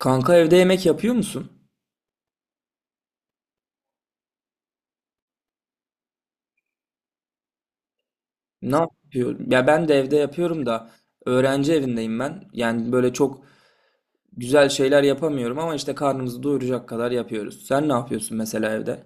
Kanka evde yemek yapıyor musun? Ne yapıyorsun? Ya ben de evde yapıyorum da öğrenci evindeyim ben. Yani böyle çok güzel şeyler yapamıyorum ama işte karnımızı doyuracak kadar yapıyoruz. Sen ne yapıyorsun mesela evde?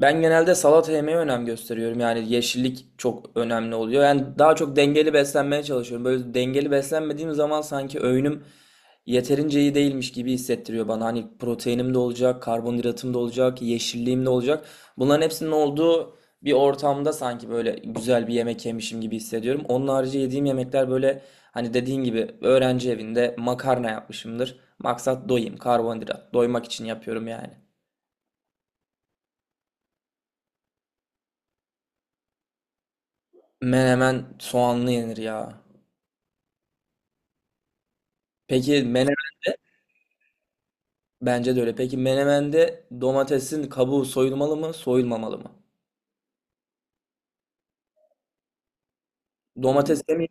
Ben genelde salata yemeye önem gösteriyorum. Yani yeşillik çok önemli oluyor. Yani daha çok dengeli beslenmeye çalışıyorum. Böyle dengeli beslenmediğim zaman sanki öğünüm yeterince iyi değilmiş gibi hissettiriyor bana. Hani proteinim de olacak, karbonhidratım da olacak, yeşilliğim de olacak. Bunların hepsinin olduğu bir ortamda sanki böyle güzel bir yemek yemişim gibi hissediyorum. Onun harici yediğim yemekler böyle hani dediğin gibi öğrenci evinde makarna yapmışımdır. Maksat doyayım, karbonhidrat. Doymak için yapıyorum yani. Menemen soğanlı yenir ya. Peki menemende Bence de öyle. Peki menemende domatesin kabuğu soyulmalı mı, soyulmamalı mı? Domates demeyin.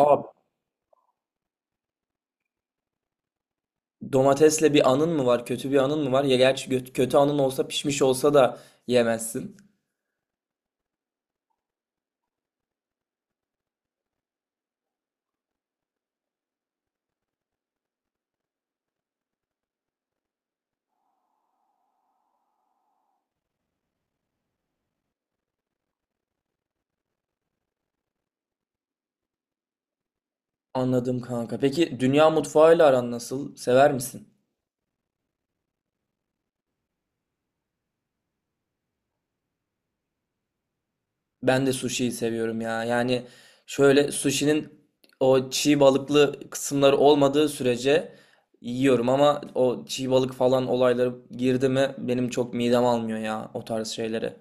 Aa, domatesle bir anın mı var? Kötü bir anın mı var? Ya gerçi kötü anın olsa pişmiş olsa da yemezsin. Anladım kanka. Peki dünya mutfağıyla aran nasıl? Sever misin? Ben de sushi'yi seviyorum ya. Yani şöyle sushi'nin o çiğ balıklı kısımları olmadığı sürece yiyorum ama o çiğ balık falan olayları girdi mi benim çok midem almıyor ya o tarz şeyleri.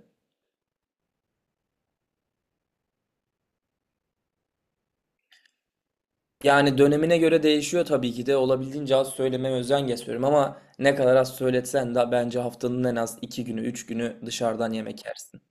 Yani dönemine göre değişiyor tabii ki de olabildiğince az söylemeye özen gösteriyorum ama ne kadar az söyletsen de bence haftanın en az iki günü üç günü dışarıdan yemek yersin.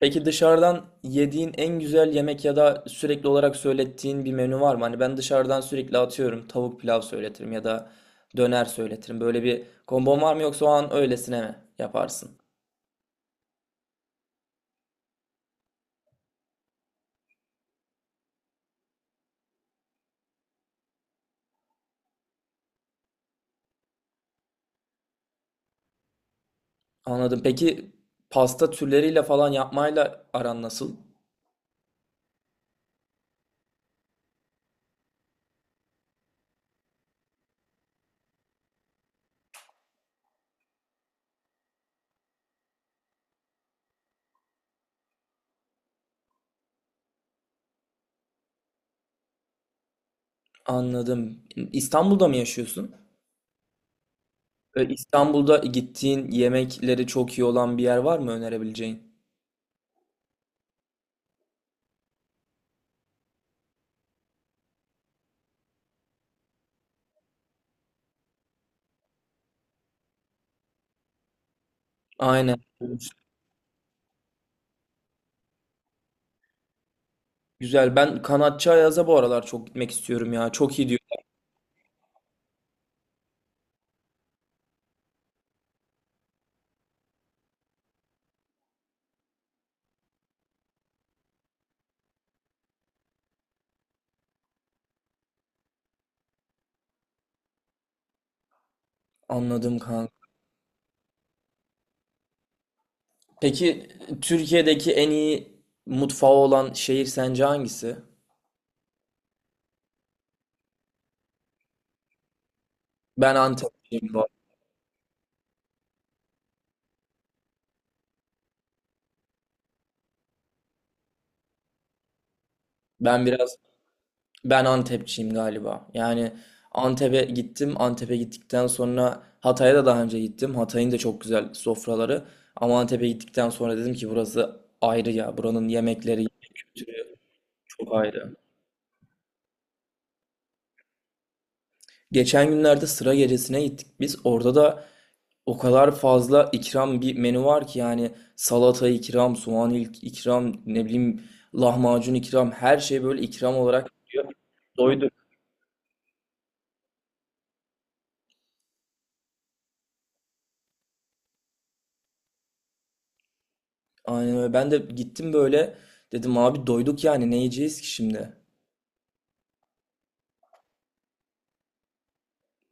Peki dışarıdan yediğin en güzel yemek ya da sürekli olarak söylettiğin bir menü var mı? Hani ben dışarıdan sürekli atıyorum tavuk pilav söyletirim ya da döner söyletirim. Böyle bir kombon var mı yoksa o an öylesine mi yaparsın? Anladım. Peki pasta türleriyle falan yapmayla aran nasıl? Anladım. İstanbul'da mı yaşıyorsun? İstanbul'da gittiğin yemekleri çok iyi olan bir yer var mı önerebileceğin? Aynen. Güzel. Ben Kanatçı Ayaz'a bu aralar çok gitmek istiyorum ya. Çok iyi diyor. Anladım kanka. Peki Türkiye'deki en iyi mutfağı olan şehir sence hangisi? Ben Antepçiyim bu arada. Ben biraz ben Antepçiyim galiba. Yani Antep'e gittim. Antep'e gittikten sonra Hatay'a da daha önce gittim. Hatay'ın da çok güzel sofraları. Ama Antep'e gittikten sonra dedim ki burası ayrı ya. Buranın yemekleri, yemek kültürü çok ayrı. Geçen günlerde sıra gecesine gittik biz. Orada da o kadar fazla ikram bir menü var ki yani salata ikram, soğan ilk ikram, ne bileyim lahmacun ikram her şey böyle ikram olarak geliyor. Doyduk. Aynen öyle. Ben de gittim böyle dedim abi doyduk yani ne yiyeceğiz ki şimdi?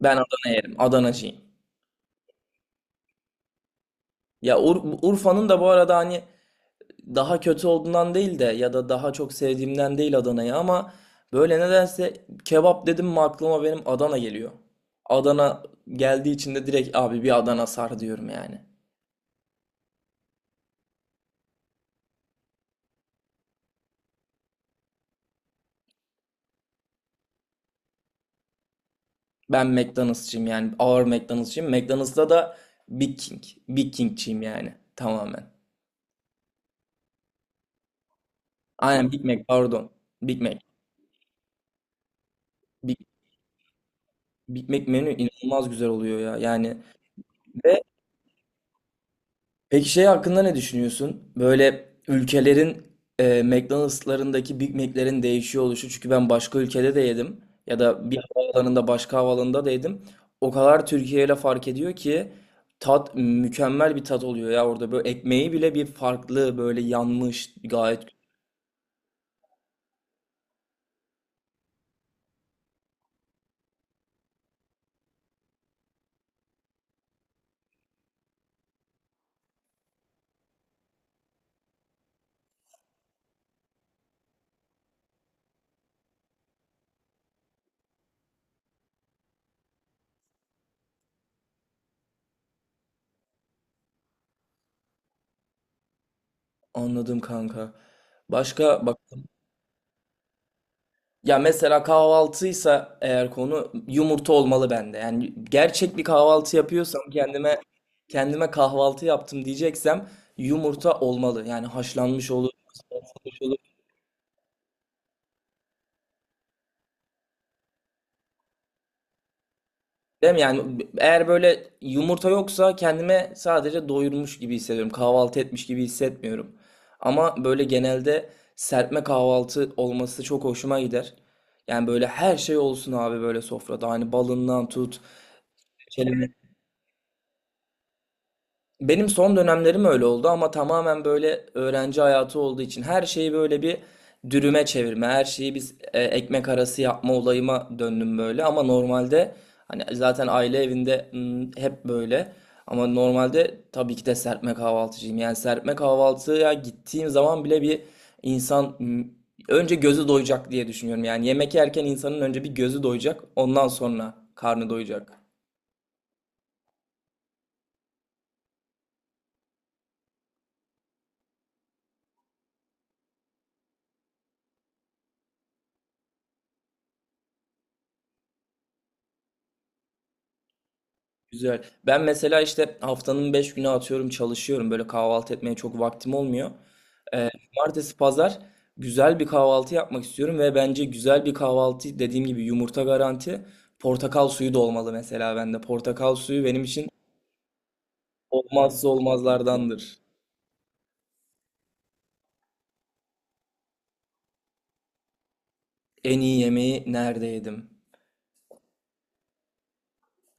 Ben Adana yerim. Adanacıyım. Ya Urfa'nın da bu arada hani daha kötü olduğundan değil de ya da daha çok sevdiğimden değil Adana'yı ama böyle nedense kebap dedim mi aklıma benim Adana geliyor. Adana geldiği için de direkt abi bir Adana sar diyorum yani. Ben McDonald'sçıyım yani ağır McDonald'sçıyım. McDonald's'ta da Big King. Big King'çiyim yani tamamen. Aynen Big Mac pardon. Big Mac. Big, Big Mac menü inanılmaz güzel oluyor ya. Yani ve. Peki şey hakkında ne düşünüyorsun? Böyle ülkelerin McDonald'slarındaki Big Mac'lerin değişiyor oluşu. Çünkü ben başka ülkede de yedim. Ya da bir havaalanında başka havaalanında da yedim. O kadar Türkiye ile fark ediyor ki tat mükemmel bir tat oluyor ya orada. Böyle ekmeği bile bir farklı böyle yanmış gayet. Anladım kanka. Başka bak. Ya mesela kahvaltıysa eğer konu yumurta olmalı bende. Yani gerçek bir kahvaltı yapıyorsam kendime kahvaltı yaptım diyeceksem yumurta olmalı. Yani haşlanmış olur, ıslatılmış olur. Değil mi? Yani eğer böyle yumurta yoksa kendime sadece doyurmuş gibi hissediyorum. Kahvaltı etmiş gibi hissetmiyorum. Ama böyle genelde serpme kahvaltı olması çok hoşuma gider. Yani böyle her şey olsun abi böyle sofrada. Hani balından tut. Benim son dönemlerim öyle oldu ama tamamen böyle öğrenci hayatı olduğu için her şeyi böyle bir dürüme çevirme, her şeyi biz ekmek arası yapma olayıma döndüm böyle ama normalde hani zaten aile evinde hep böyle ama normalde tabii ki de serpme kahvaltıcıyım. Yani serpme kahvaltıya gittiğim zaman bile bir insan önce gözü doyacak diye düşünüyorum. Yani yemek yerken insanın önce bir gözü doyacak, ondan sonra karnı doyacak. Güzel. Ben mesela işte haftanın 5 günü atıyorum çalışıyorum. Böyle kahvaltı etmeye çok vaktim olmuyor. Ee, cumartesi, pazar güzel bir kahvaltı yapmak istiyorum ve bence güzel bir kahvaltı dediğim gibi yumurta garanti. Portakal suyu da olmalı mesela bende. Portakal suyu benim için olmazsa olmazlardandır. En iyi yemeği nerede yedim?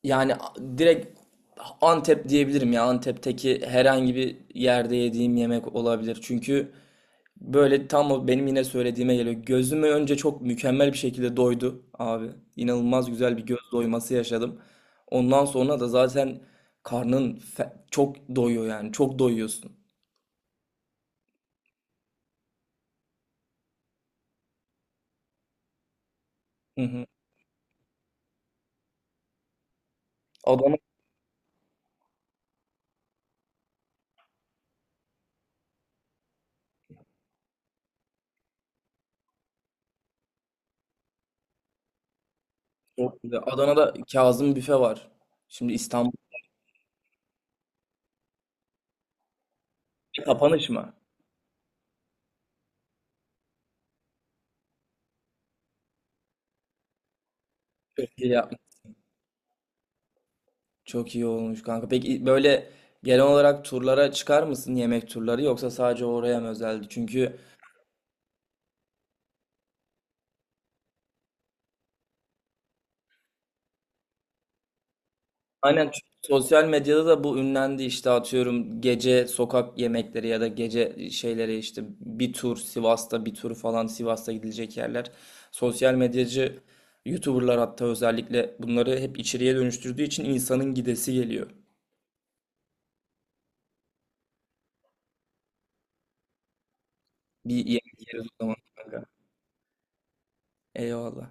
Yani direkt Antep diyebilirim ya. Antep'teki herhangi bir yerde yediğim yemek olabilir. Çünkü böyle tam o benim yine söylediğime geliyor. Gözümü önce çok mükemmel bir şekilde doydu abi. İnanılmaz güzel bir göz doyması yaşadım. Ondan sonra da zaten karnın çok doyuyor yani. Çok doyuyorsun. Hı hı. Adana çok güzel. Adana'da Kazım Büfe var. Şimdi İstanbul'da kapanış mı? Çok iyi yapmış. Çok iyi olmuş kanka. Peki böyle genel olarak turlara çıkar mısın yemek turları yoksa sadece oraya mı özeldi? Çünkü. Aynen çünkü sosyal medyada da bu ünlendi işte atıyorum gece sokak yemekleri ya da gece şeyleri işte bir tur Sivas'ta bir tur falan Sivas'ta gidilecek yerler. Sosyal medyacı YouTuber'lar hatta özellikle bunları hep içeriye dönüştürdüğü için insanın gidesi geliyor. Bir yemek yeriz o zaman kanka. Eyvallah.